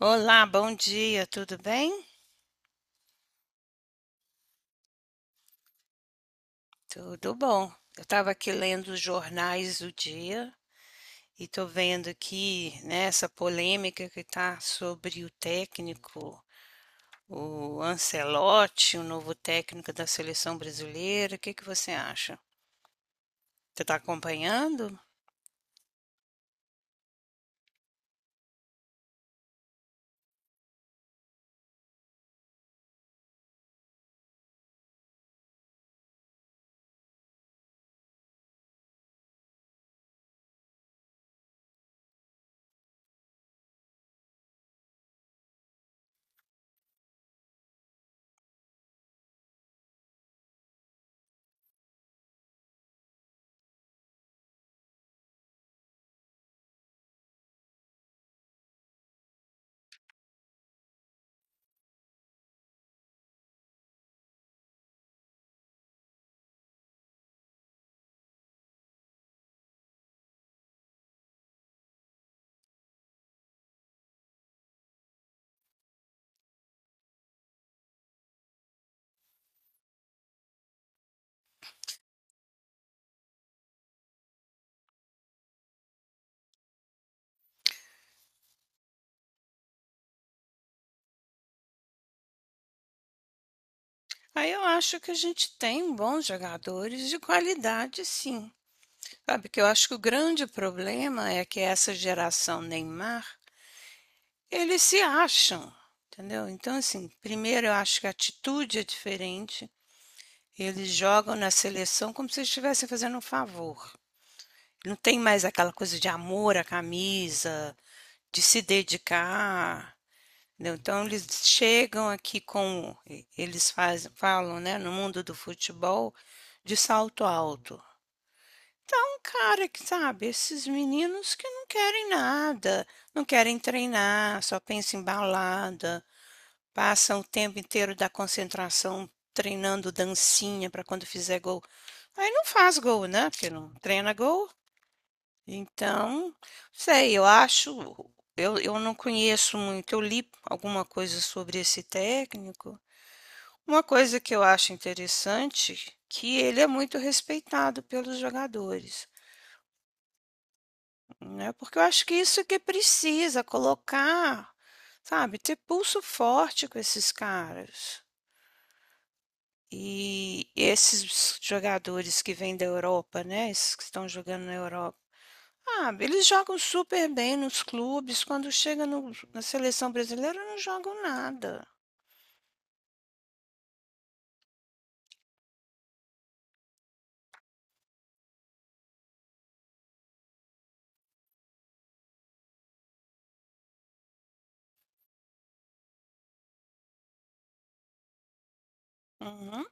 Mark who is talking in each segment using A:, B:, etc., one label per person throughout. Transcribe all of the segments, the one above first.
A: Olá, bom dia, tudo bem? Tudo bom. Eu estava aqui lendo os jornais do dia e estou vendo aqui, né, essa polêmica que está sobre o técnico, o Ancelotti, o novo técnico da seleção brasileira. O que que você acha? Você está acompanhando? Aí eu acho que a gente tem bons jogadores de qualidade, sim. Sabe que eu acho que o grande problema é que essa geração Neymar, eles se acham, entendeu? Então, assim, primeiro eu acho que a atitude é diferente. Eles jogam na seleção como se estivessem fazendo um favor. Não tem mais aquela coisa de amor à camisa, de se dedicar, entendeu? Então eles chegam aqui com. Eles fazem, falam, né, no mundo do futebol, de salto alto. Então, cara, que sabe, esses meninos que não querem nada, não querem treinar, só pensam em balada, passa o tempo inteiro da concentração treinando dancinha para quando fizer gol. Aí não faz gol, né, porque não treina gol. Então, sei, eu acho, eu não conheço muito, eu li alguma coisa sobre esse técnico. Uma coisa que eu acho interessante, que ele é muito respeitado pelos jogadores, né, porque eu acho que isso que precisa, colocar, sabe, ter pulso forte com esses caras. E esses jogadores que vêm da Europa, né? Esses que estão jogando na Europa. Ah, eles jogam super bem nos clubes, quando chega na seleção brasileira não jogam nada. Uhum.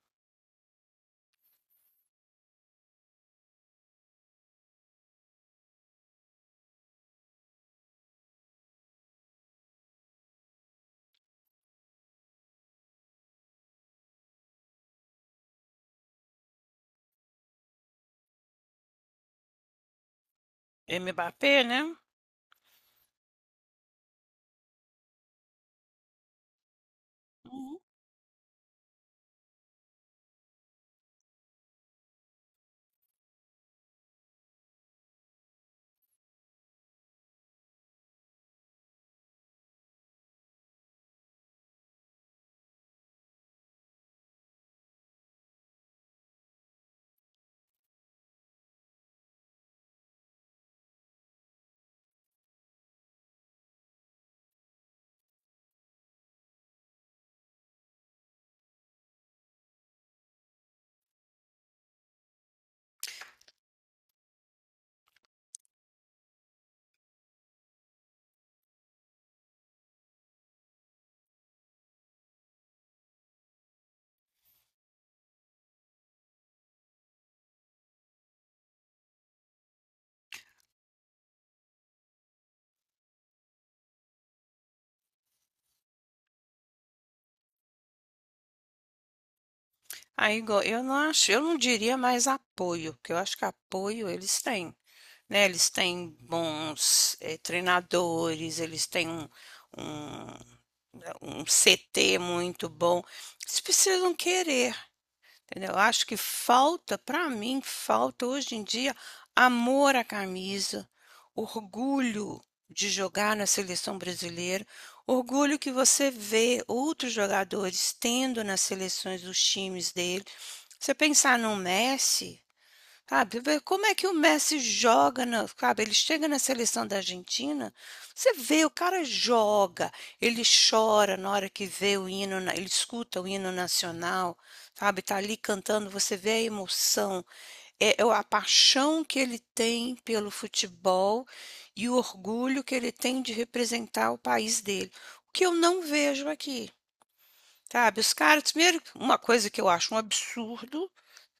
A: Mbappé, né? Uhum. Aí, igual, eu não acho, eu não diria mais apoio, porque eu acho que apoio eles têm, né? Eles têm bons treinadores, eles têm um, um um CT muito bom. Eles precisam querer, entendeu? Acho que falta, para mim, falta hoje em dia amor à camisa, orgulho de jogar na seleção brasileira, orgulho que você vê outros jogadores tendo nas seleções dos times dele. Você pensar no Messi. Sabe, vê como é que o Messi joga na, sabe, ele chega na seleção da Argentina, você vê, o cara joga, ele chora na hora que vê o hino, ele escuta o hino nacional, sabe, tá ali cantando, você vê a emoção, é, é a paixão que ele tem pelo futebol e o orgulho que ele tem de representar o país dele, o que eu não vejo aqui, sabe, os caras, primeiro, uma coisa que eu acho um absurdo,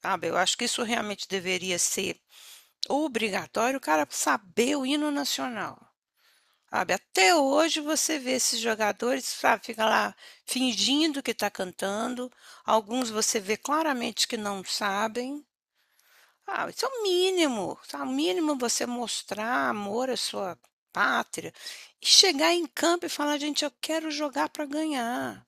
A: sabe, eu acho que isso realmente deveria ser obrigatório, o cara saber o hino nacional, sabe. Até hoje você vê esses jogadores, sabe, fica lá fingindo que está cantando, alguns você vê claramente que não sabem. Ah, isso é o mínimo, sabe, o mínimo você mostrar amor à sua pátria e chegar em campo e falar: "Gente, eu quero jogar para ganhar".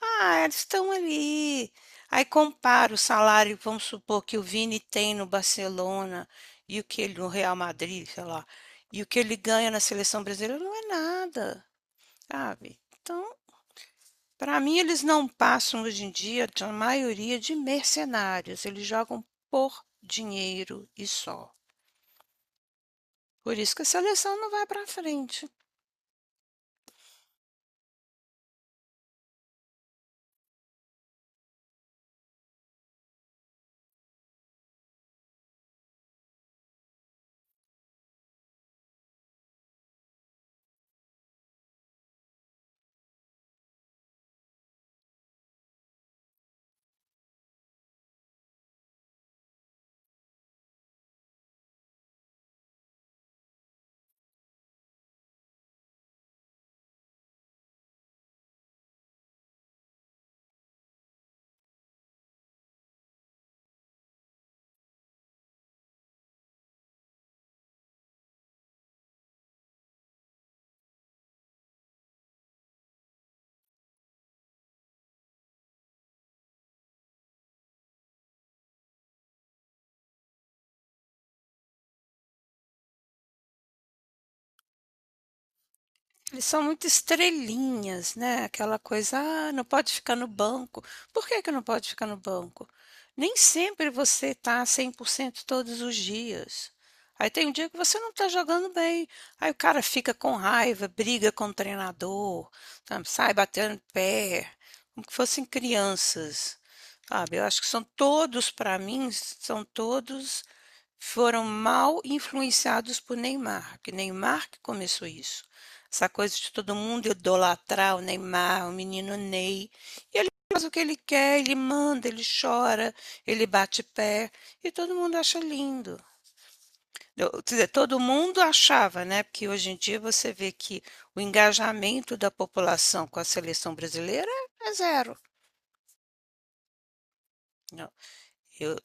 A: Ah, eles estão ali. Aí compara o salário, vamos supor, que o Vini tem no Barcelona e o que ele no Real Madrid, sei lá, e o que ele ganha na seleção brasileira não é nada, sabe? Então, para mim, eles não passam hoje em dia, a maioria, de mercenários. Eles jogam por dinheiro e só. Por isso que a seleção não vai para frente. Eles são muito estrelinhas, né, aquela coisa: "Ah, não pode ficar no banco". Por que que não pode ficar no banco? Nem sempre você tá 100% todos os dias. Aí tem um dia que você não tá jogando bem, aí o cara fica com raiva, briga com o treinador, sabe, sai batendo pé, como que fossem crianças, sabe. Eu acho que são todos, para mim, são todos, foram mal influenciados por Neymar, porque Neymar que começou isso. Essa coisa de todo mundo idolatrar o Neymar, o menino Ney. E ele faz o que ele quer, ele manda, ele chora, ele bate pé. E todo mundo acha lindo. Quer dizer, todo mundo achava, né? Porque hoje em dia você vê que o engajamento da população com a seleção brasileira é zero. Não, eu-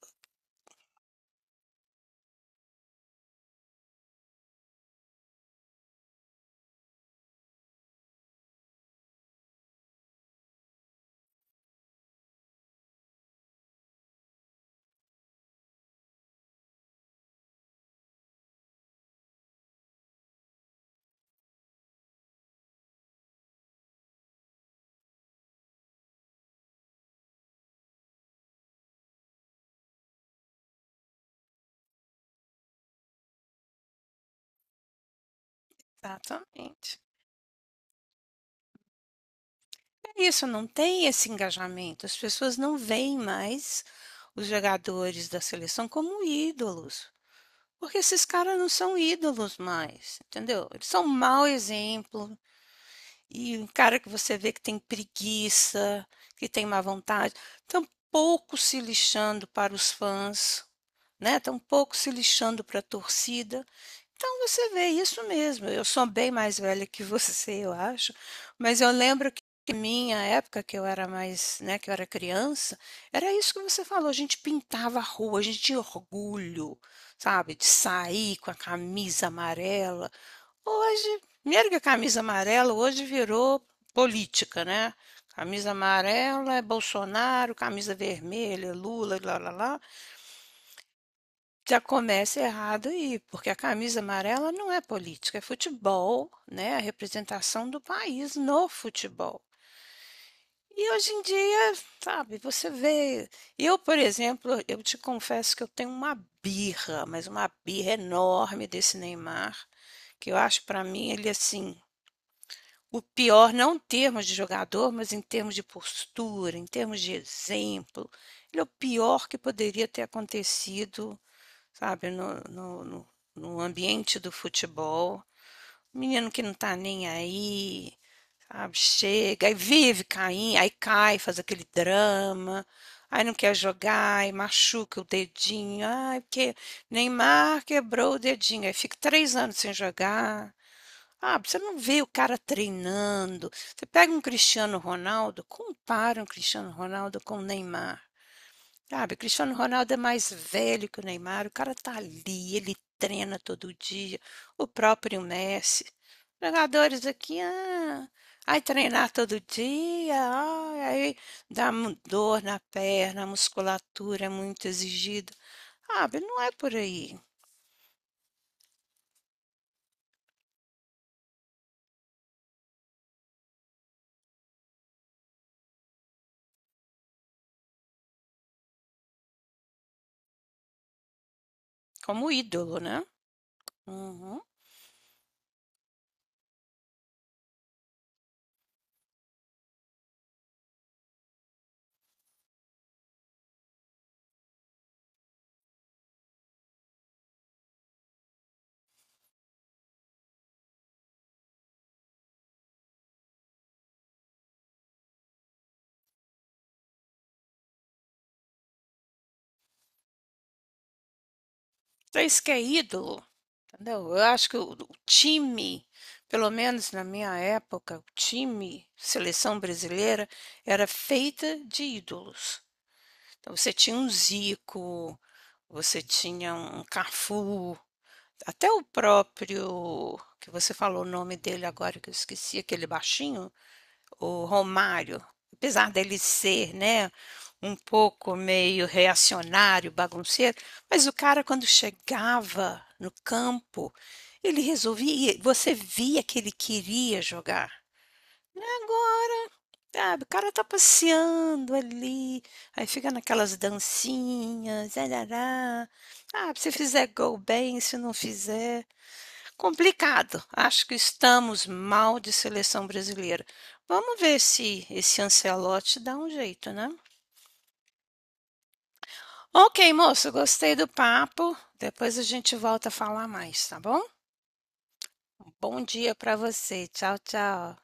A: exatamente. É isso, não tem esse engajamento. As pessoas não veem mais os jogadores da seleção como ídolos. Porque esses caras não são ídolos mais, entendeu? Eles são um mau exemplo. E um cara que você vê que tem preguiça, que tem má vontade, tão pouco se lixando para os fãs, né? Tão pouco se lixando para a torcida. Então você vê, isso mesmo. Eu sou bem mais velha que você, eu acho, mas eu lembro que na minha época, que eu era mais, né, que eu era criança, era isso que você falou, a gente pintava a rua, a gente tinha orgulho, sabe, de sair com a camisa amarela. Hoje, primeiro que a camisa amarela hoje virou política, né? Camisa amarela é Bolsonaro, camisa vermelha é Lula, lá, lá, lá. Já começa errado aí, porque a camisa amarela não é política, é futebol, né? A representação do país no futebol. E hoje em dia, sabe, você vê. Eu, por exemplo, eu te confesso que eu tenho uma birra, mas uma birra enorme desse Neymar, que eu acho, para mim ele assim, o pior não em termos de jogador, mas em termos de postura, em termos de exemplo. Ele é o pior que poderia ter acontecido, sabe, no ambiente do futebol. Um menino que não tá nem aí, sabe, chega e vive caindo, aí cai, faz aquele drama, aí não quer jogar, aí machuca o dedinho, ai, porque Neymar quebrou o dedinho, aí fica três anos sem jogar. Ah, você não vê o cara treinando. Você pega um Cristiano Ronaldo, compara um Cristiano Ronaldo com o Neymar. Sabe, o Cristiano Ronaldo é mais velho que o Neymar, o cara tá ali, ele treina todo dia, o próprio Messi. Jogadores aqui, ah, aí treinar todo dia, ai, aí dá dor na perna, a musculatura é muito exigida. Sabe, não é por aí. Como ídolo, né? Uhum. Vocês que é ídolo? Entendeu? Eu acho que o time, pelo menos na minha época, o time, seleção brasileira, era feita de ídolos. Então você tinha um Zico, você tinha um Cafu, até o próprio, que você falou o nome dele agora que eu esqueci, aquele baixinho, o Romário, apesar dele ser, né, um pouco meio reacionário, bagunceiro, mas o cara quando chegava no campo, ele resolvia, você via que ele queria jogar. Agora, sabe, o cara tá passeando ali, aí fica naquelas dancinhas, arará. Ah, se fizer gol bem, se não fizer. Complicado. Acho que estamos mal de seleção brasileira. Vamos ver se esse Ancelotti dá um jeito, né? Ok, moço, gostei do papo. Depois a gente volta a falar mais, tá bom? Bom dia para você. Tchau, tchau.